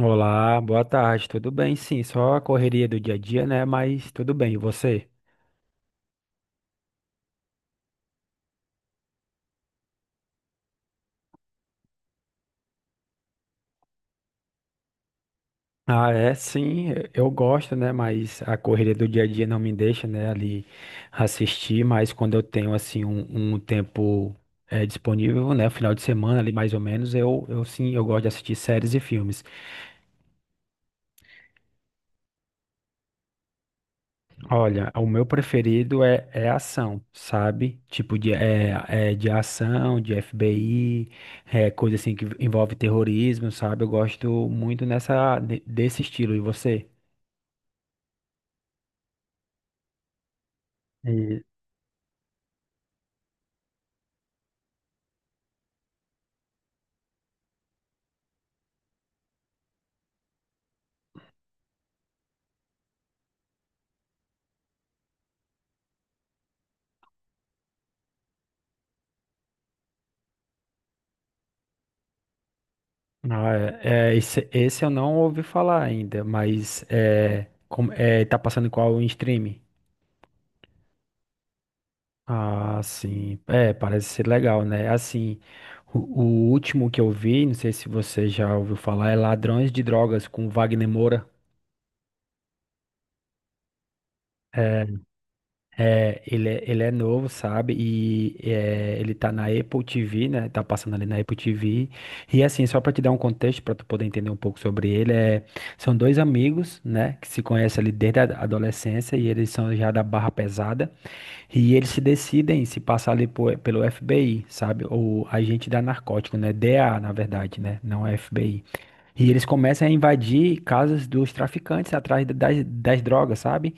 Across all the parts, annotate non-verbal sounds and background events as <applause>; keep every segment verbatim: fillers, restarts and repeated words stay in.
Olá, boa tarde. Tudo bem? Sim, só a correria do dia a dia, né? Mas tudo bem. E você? Ah, é, sim, eu eu gosto, né? Mas a correria do dia a dia não me deixa, né, ali assistir. Mas quando eu tenho, assim, um, um tempo eh, disponível, né, final de semana ali mais ou menos, eu, eu sim, eu gosto de assistir séries e filmes. Olha, o meu preferido é, é ação, sabe? Tipo de, é, é de ação, de F B I, é, coisa assim que envolve terrorismo, sabe? Eu gosto muito nessa, de- desse estilo. E você? E, ah, é, é, esse, esse eu não ouvi falar ainda, mas é, como, é, tá passando em qual stream? Ah, sim. É, parece ser legal, né? Assim, o, o último que eu vi, não sei se você já ouviu falar, é Ladrões de Drogas com Wagner Moura. É, É, ele, é- ele é novo, sabe? E é, ele tá na Apple T V, né? Tá passando ali na Apple T V. E assim, só pra te dar um contexto, pra tu poder entender um pouco sobre ele, é, são dois amigos, né? Que se conhecem ali desde a adolescência e eles são já da barra pesada. E eles se decidem se passar ali po- pelo F B I, sabe? Ou agente da narcótico, né? D A, na verdade, né? Não é F B I. E eles começam a invadir casas dos traficantes atrás da- das, das drogas, sabe?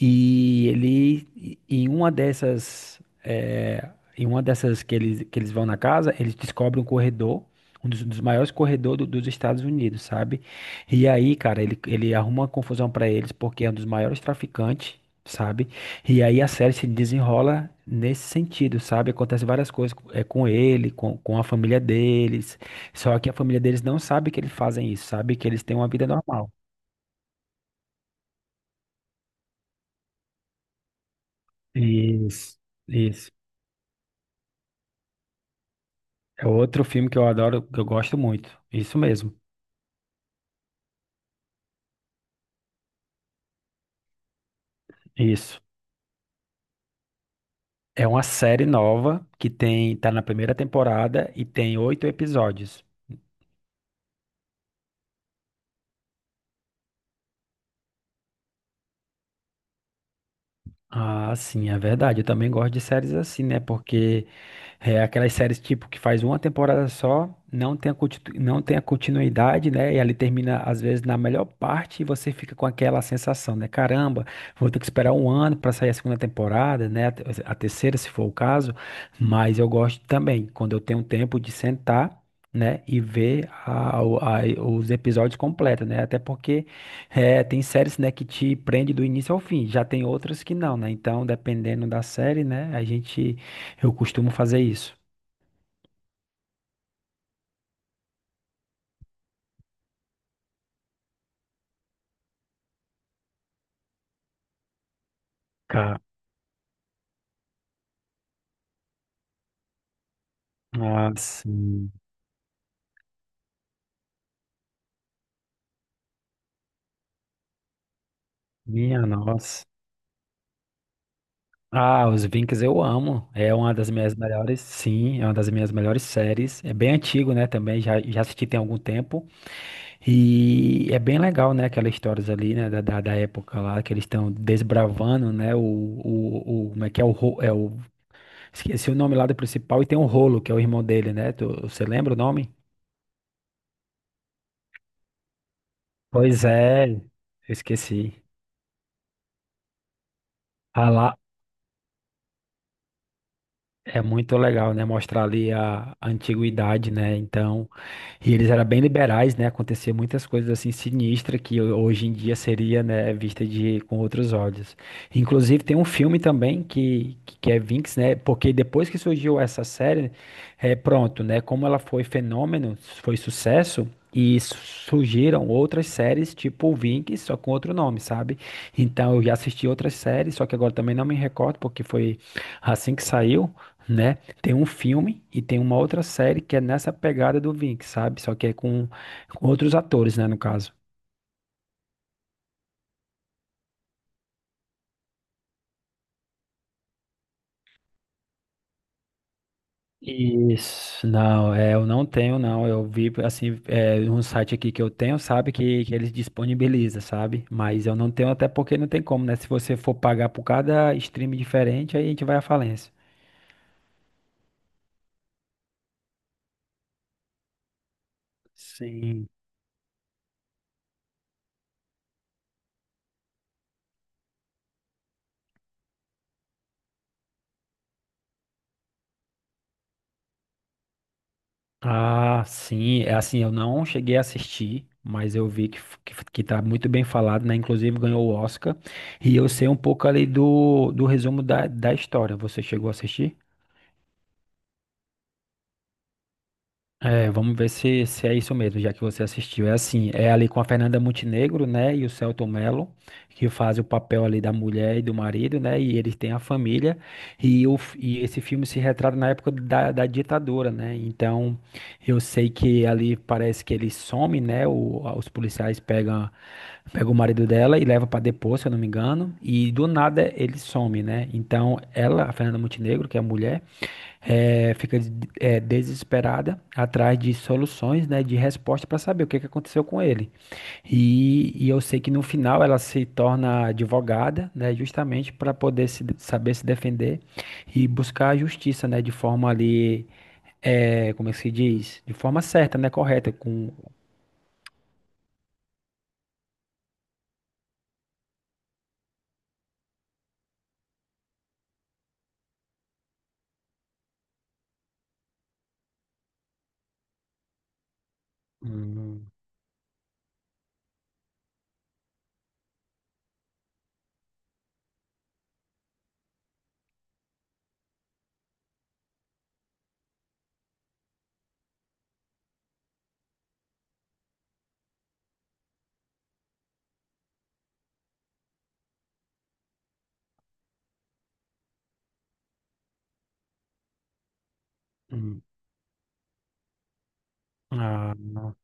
E ele, e- em uma dessas, eh, em uma dessas que eles, que eles vão na casa, eles descobrem um corredor, um dos, dos maiores corredores dos Estados Unidos, sabe? E aí, cara, ele, ele arruma uma confusão pra eles porque é um dos maiores traficantes, sabe? E aí a série se desenrola nesse sentido, sabe? Acontece várias coisas é, com ele, com, com a família deles. Só que a família deles não sabe que eles fazem isso, sabe? Que eles têm uma vida normal. Isso, isso. É outro filme que eu adoro, que eu gosto muito. Isso mesmo, isso. É uma série nova que tem, tá na primeira temporada e tem oito episódios. Ah, sim, é verdade. Eu também gosto de séries assim, né? Porque é aquelas séries tipo que faz uma temporada só, não tem a, continu- não tem a continuidade, né? E ali termina, às vezes, na melhor parte e você fica com aquela sensação, né? Caramba, vou ter que esperar um ano para sair a segunda temporada, né? A te- a terceira, se for o caso. Mas eu gosto também, quando eu tenho tempo de sentar, né? E ver a- o- a- os episódios completos, né? Até porque. É, tem séries, né, que te prende do início ao fim, já tem outras que não, né? Então, dependendo da série, né, a gente, eu costumo fazer isso. Cara, ah, sim, minha nossa. Ah, os Vikings eu amo, é uma das minhas melhores, sim, é uma das minhas melhores séries, é bem antigo, né, também, já, já assisti tem algum tempo, e é bem legal, né, aquelas histórias ali, né, da, da, da época lá, que eles estão desbravando, né, o, o, o, como é que é, o, ro- é o Esqueci o nome lá do principal e tem o Rolo, que é o irmão dele, né? Tu- você lembra o nome? Pois é, eu esqueci. Ah lá, é muito legal, né? Mostrar ali a, a antiguidade, né? Então. E eles eram bem liberais, né? Acontecia muitas coisas assim sinistras que hoje em dia seria, né, vista de com outros olhos. Inclusive tem um filme também que, que que é Vinx, né? Porque depois que surgiu essa série, é pronto, né? Como ela foi fenômeno, foi sucesso. E su- surgiram outras séries tipo Vinx, só com outro nome, sabe? Então eu já assisti outras séries, só que agora também não me recordo, porque foi assim que saiu, né? Tem um filme e tem uma outra série que é nessa pegada do Vink, sabe? Só que é com, com outros atores, né, no caso. Isso, não, é, eu não tenho, não. Eu vi, assim, é, um site aqui que eu tenho, sabe, que, que eles disponibilizam, sabe? Mas eu não tenho, até porque não tem como, né? Se você for pagar por cada stream diferente, aí a gente vai à falência. Sim. Ah, sim, é assim, eu não cheguei a assistir, mas eu vi que, f- que, f- que tá muito bem falado, né? Inclusive ganhou o Oscar. E eu sei um pouco ali do, do resumo da, da história. Você chegou a assistir? É, vamos ver se, se é isso mesmo, já que você assistiu. É assim, é ali com a Fernanda Montenegro, né, e o Selton Mello, que faz o papel ali da mulher e do marido, né, e eles têm a família, e, o, f- e esse filme se retrata na época da, da ditadura, né, então eu sei que ali parece que ele some, né, o, a- os policiais pegam, pegam o marido dela e leva para depor, se eu não me engano, e do nada ele some, né, então ela, a Fernanda Montenegro, que é a mulher, é, fica des- é, desesperada atrás de soluções, né, de resposta para saber o que que aconteceu com ele. E, e eu sei que no final ela se torna advogada, né, justamente para poder se, saber se defender e buscar a justiça, né, de forma ali, é, como é que se diz? De forma certa, né, correta, com. Hum. Hum. Ah, não.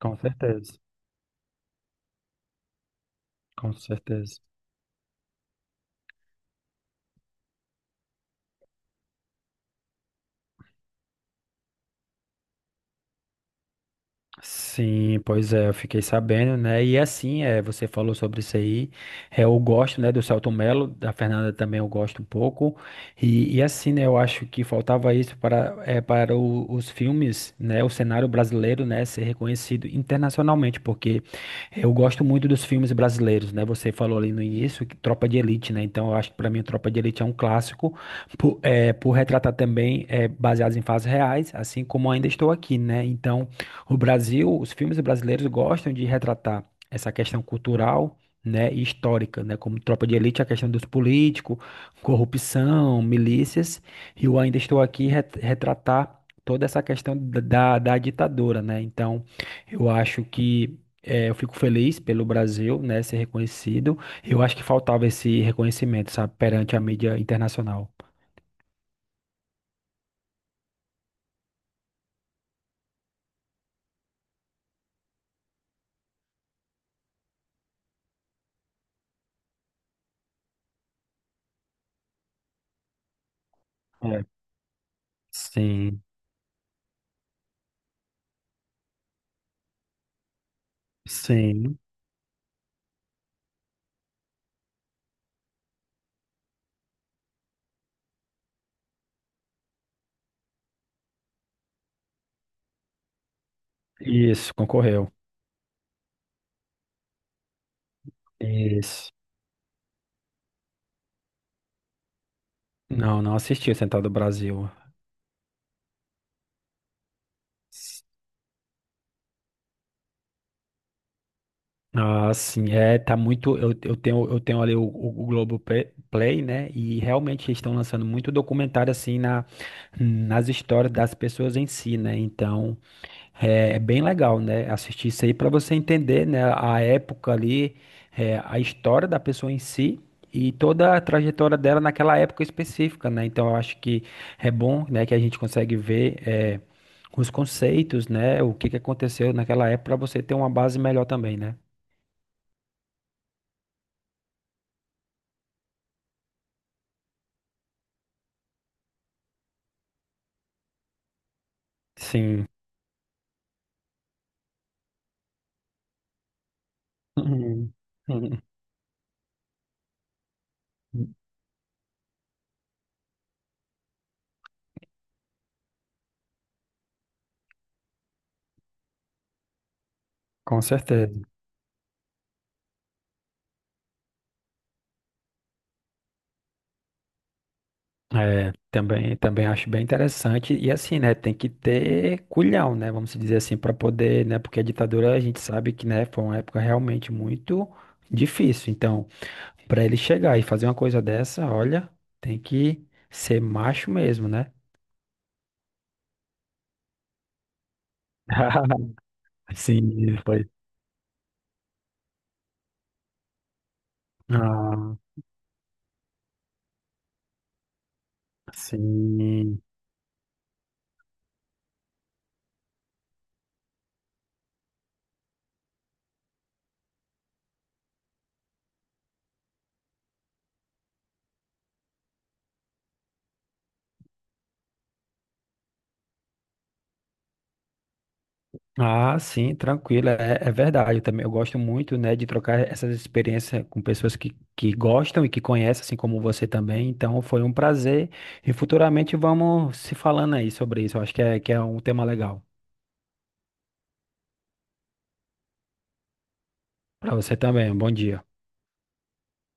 Com certeza, com certeza. Sim, pois é, eu fiquei sabendo, né? E assim, é, você falou sobre isso aí. É, eu gosto, né, do Selton Mello, da Fernanda também eu gosto um pouco. E, e assim, né, eu acho que faltava isso para, é, para o- os filmes, né, o cenário brasileiro, né, ser reconhecido internacionalmente, porque eu gosto muito dos filmes brasileiros, né? Você falou ali no início que Tropa de Elite, né? Então eu acho que para mim Tropa de Elite é um clássico, por, é, por retratar também é, baseados em fatos reais, assim como ainda estou aqui, né? Então o Brasil, os filmes brasileiros gostam de retratar essa questão cultural, né, e histórica, né, como Tropa de Elite, a questão dos políticos, corrupção, milícias, e eu ainda estou aqui ret- retratar toda essa questão da, da da ditadura, né? Então, eu acho que eh, eu fico feliz pelo Brasil, né, ser reconhecido. Eu acho que faltava esse reconhecimento, sabe, perante a mídia internacional. É, sim, sim. Isso, concorreu. Isso. Não, não assisti o Central do Brasil. Ah, sim, é, tá muito. Eu, eu tenho, eu tenho ali o, o, o Globoplay, né? E realmente eles estão lançando muito documentário assim na, nas histórias das pessoas em si, né? Então. É, é bem legal, né? Assistir isso aí para você entender, né, a época ali, é, a história da pessoa em si e toda a trajetória dela naquela época específica, né? Então eu acho que é bom, né, que a gente consegue ver é, os conceitos, né, o que que aconteceu naquela época para você ter uma base melhor também, né? Sim. <laughs> Com certeza. É, também, também acho bem interessante. E assim, né, tem que ter culhão, né, vamos dizer assim, para poder, né, porque a ditadura a gente sabe que, né, foi uma época realmente muito difícil. Então, para ele chegar e fazer uma coisa dessa, olha, tem que ser macho mesmo, né? <laughs> Sim, foi. Ah, sim. Ah, sim, tranquilo, é, é verdade. Eu também eu gosto muito, né, de trocar essas experiências com pessoas que, que gostam e que conhecem, assim como você também. Então, foi um prazer e futuramente vamos se falando aí sobre isso. Eu acho que é, que é um tema legal para você também. um Bom dia.